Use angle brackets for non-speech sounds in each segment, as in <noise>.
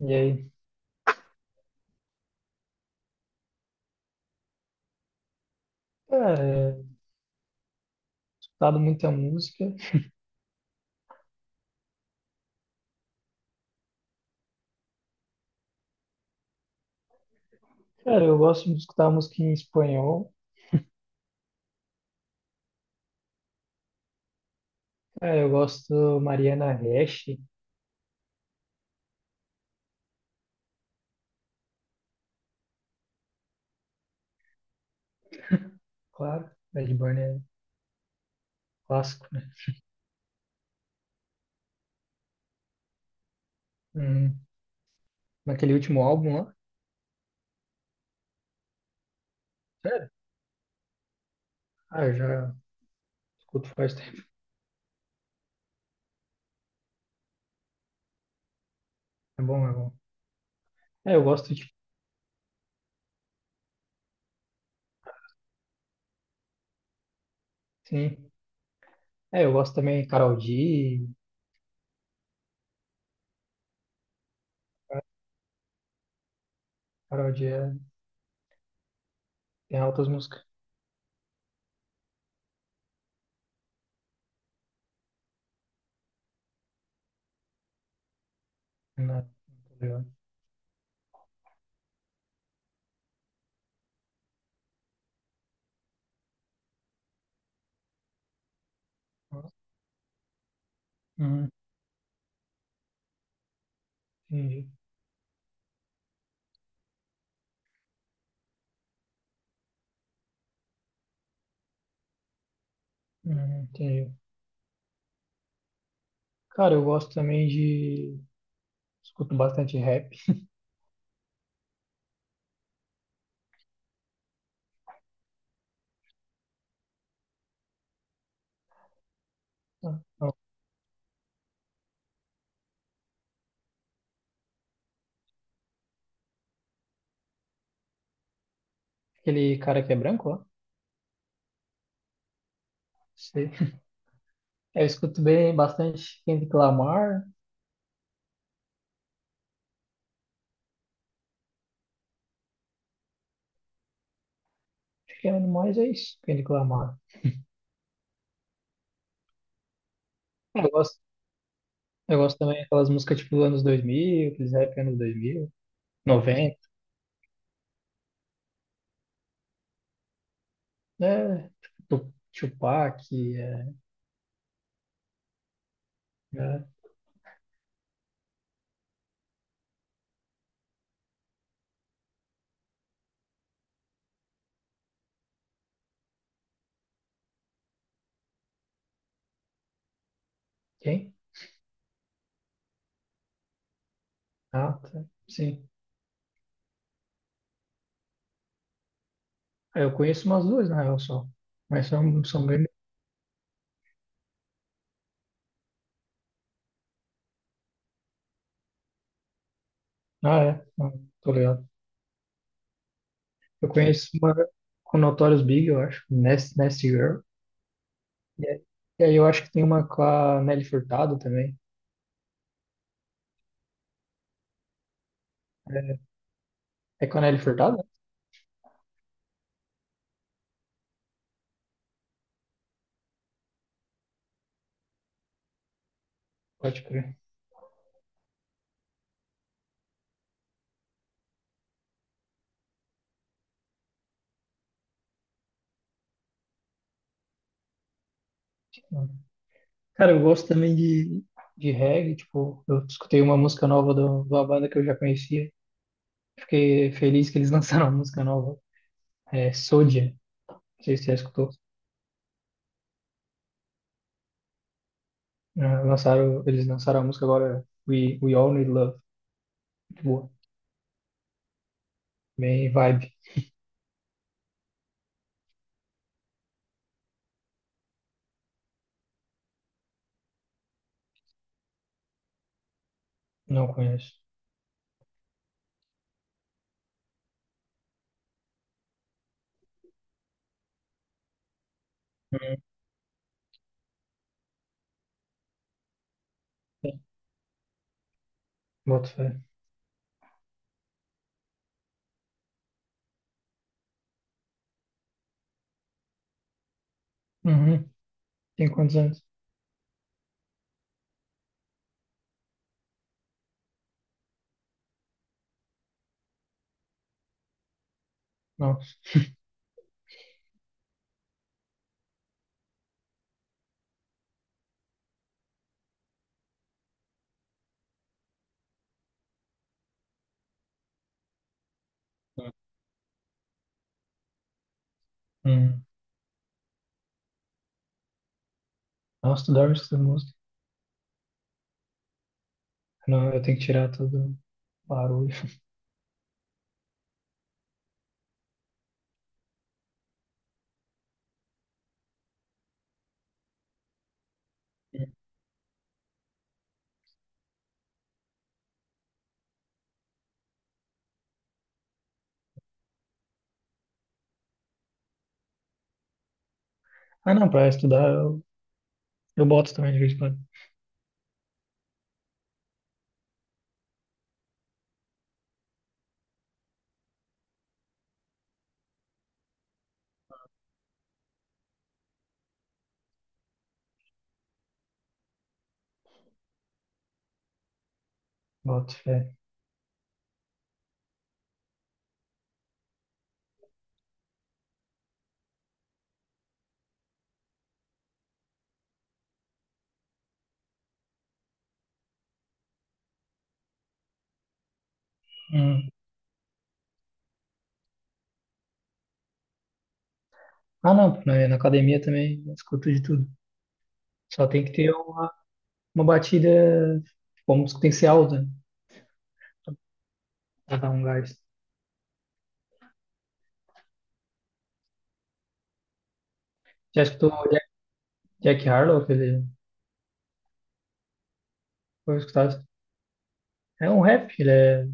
E aí, cara, é, escutado muita música. Cara, eu gosto de escutar música em espanhol. Cara, eu gosto Mariana Reche, <laughs> claro. Redborn é clássico, né? Hum, naquele último álbum lá. Sério? Ah, eu já escuto faz tempo. É bom, é bom. É, eu gosto de... Sim. É, eu gosto também de Karol G. Karol G é- tem altas músicas. Né? Muito legal. Uhum, entendi. Uhum, entendi. Cara, eu gosto também de... Escuto bastante rap. Ah, aquele cara que é branco, ó. Sei. <laughs> Eu escuto bem bastante Kendrick Lamar. Acho que é mais é isso, Kendrick Lamar. Eu gosto, eu gosto também daquelas músicas tipo anos 2000, aqueles rap anos 2000, 90. É, tipo Tupac, é, é, quem? Ah, tá. Sim. Ah, eu conheço umas duas, na real, só. Mas são, são bem... Ah, é. Não, tô ligado. Eu conheço uma com Notorious Big, eu acho. Nasty, Nasty Girl. E aí e aí eu acho que tem uma com a Nelly Furtado também. É, é com a Nelly Furtado? Pode crer. Cara, eu gosto também de reggae, tipo, eu escutei uma música nova de uma banda que eu já conhecia. Fiquei feliz que eles <laughs> lançaram uma música nova. É Soldier, não sei se você já escutou. Ah, lançaram, eles lançaram a música agora, We All Need Love. Muito boa. Bem vibe. Não conheço. Hum. Boto fé. Uhum. Tem quantos anos? Nossa. Hum. Nossa, tu dorme escutando música. Não, eu tenho que tirar todo o barulho. Ah, não, pra estudar eu boto também de vez em quando. Boto fé. Hum. Ah, não, na academia também eu escuto de tudo. Só tem que ter uma batida, tipo, a música tem que ser alta, né, pra dar um gás. Já escutou o Jack Harlow, que ele foi escutado. É um rap, ele é,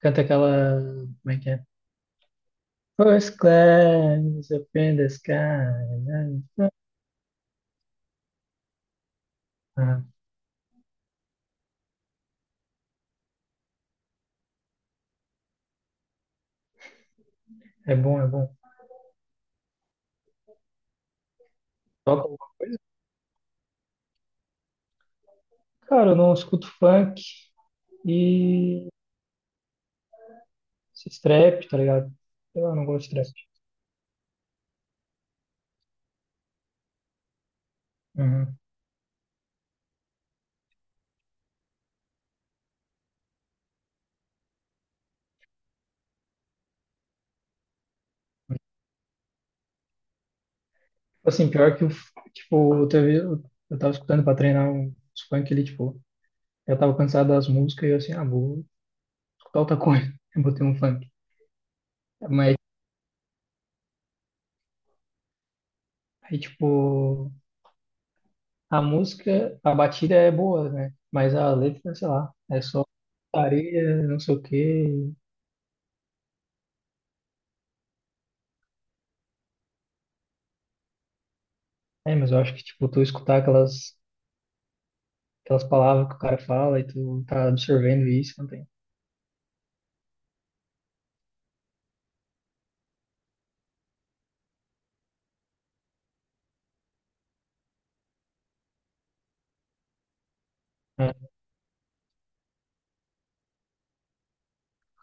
canta aquela. Como é que é? First class, up in the sky. Ah, é bom, é bom. Toca alguma coisa? Cara, eu não escuto funk. E esse trap, tá ligado? Eu não gosto de trap. Uhum. Assim, pior que, tipo, teve, eu tava escutando pra treinar uns funk ali, tipo, eu tava cansado das músicas e eu assim, ah, vou escutar outra coisa. <laughs> Eu botei um funk. Mas aí, tipo, a música, a batida é boa, né? Mas a letra, sei lá, é só areia, não sei o quê. É, mas eu acho que, tipo, tu escutar aquelas palavras que o cara fala e tu tá absorvendo isso, não tem.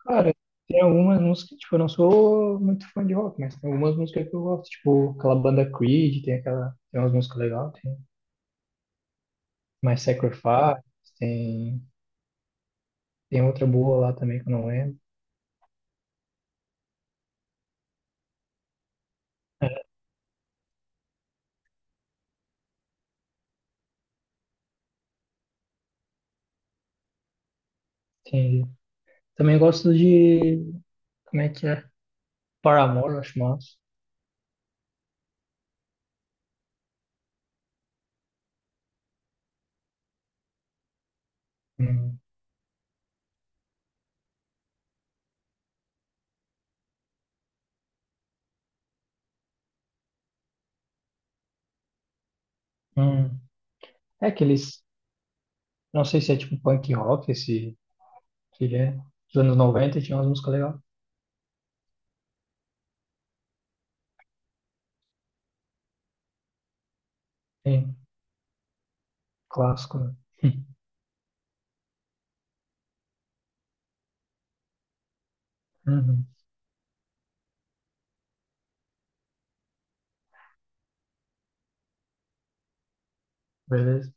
Cara, tem algumas músicas, tipo, eu não sou muito fã de rock, mas tem algumas músicas que eu gosto, tipo, aquela banda Creed, tem aquela, tem umas músicas legais, tem My Sacrifice, tem, tem outra boa lá também que eu não lembro. Entendi. Também gosto de, como é que é? Paramore, eu acho massa. Hum, hum. É aqueles, não sei se é tipo punk rock, esse que é, dos anos 90 tinha umas músicas legais. Tem, clássico, né? <laughs> Uhum, beleza.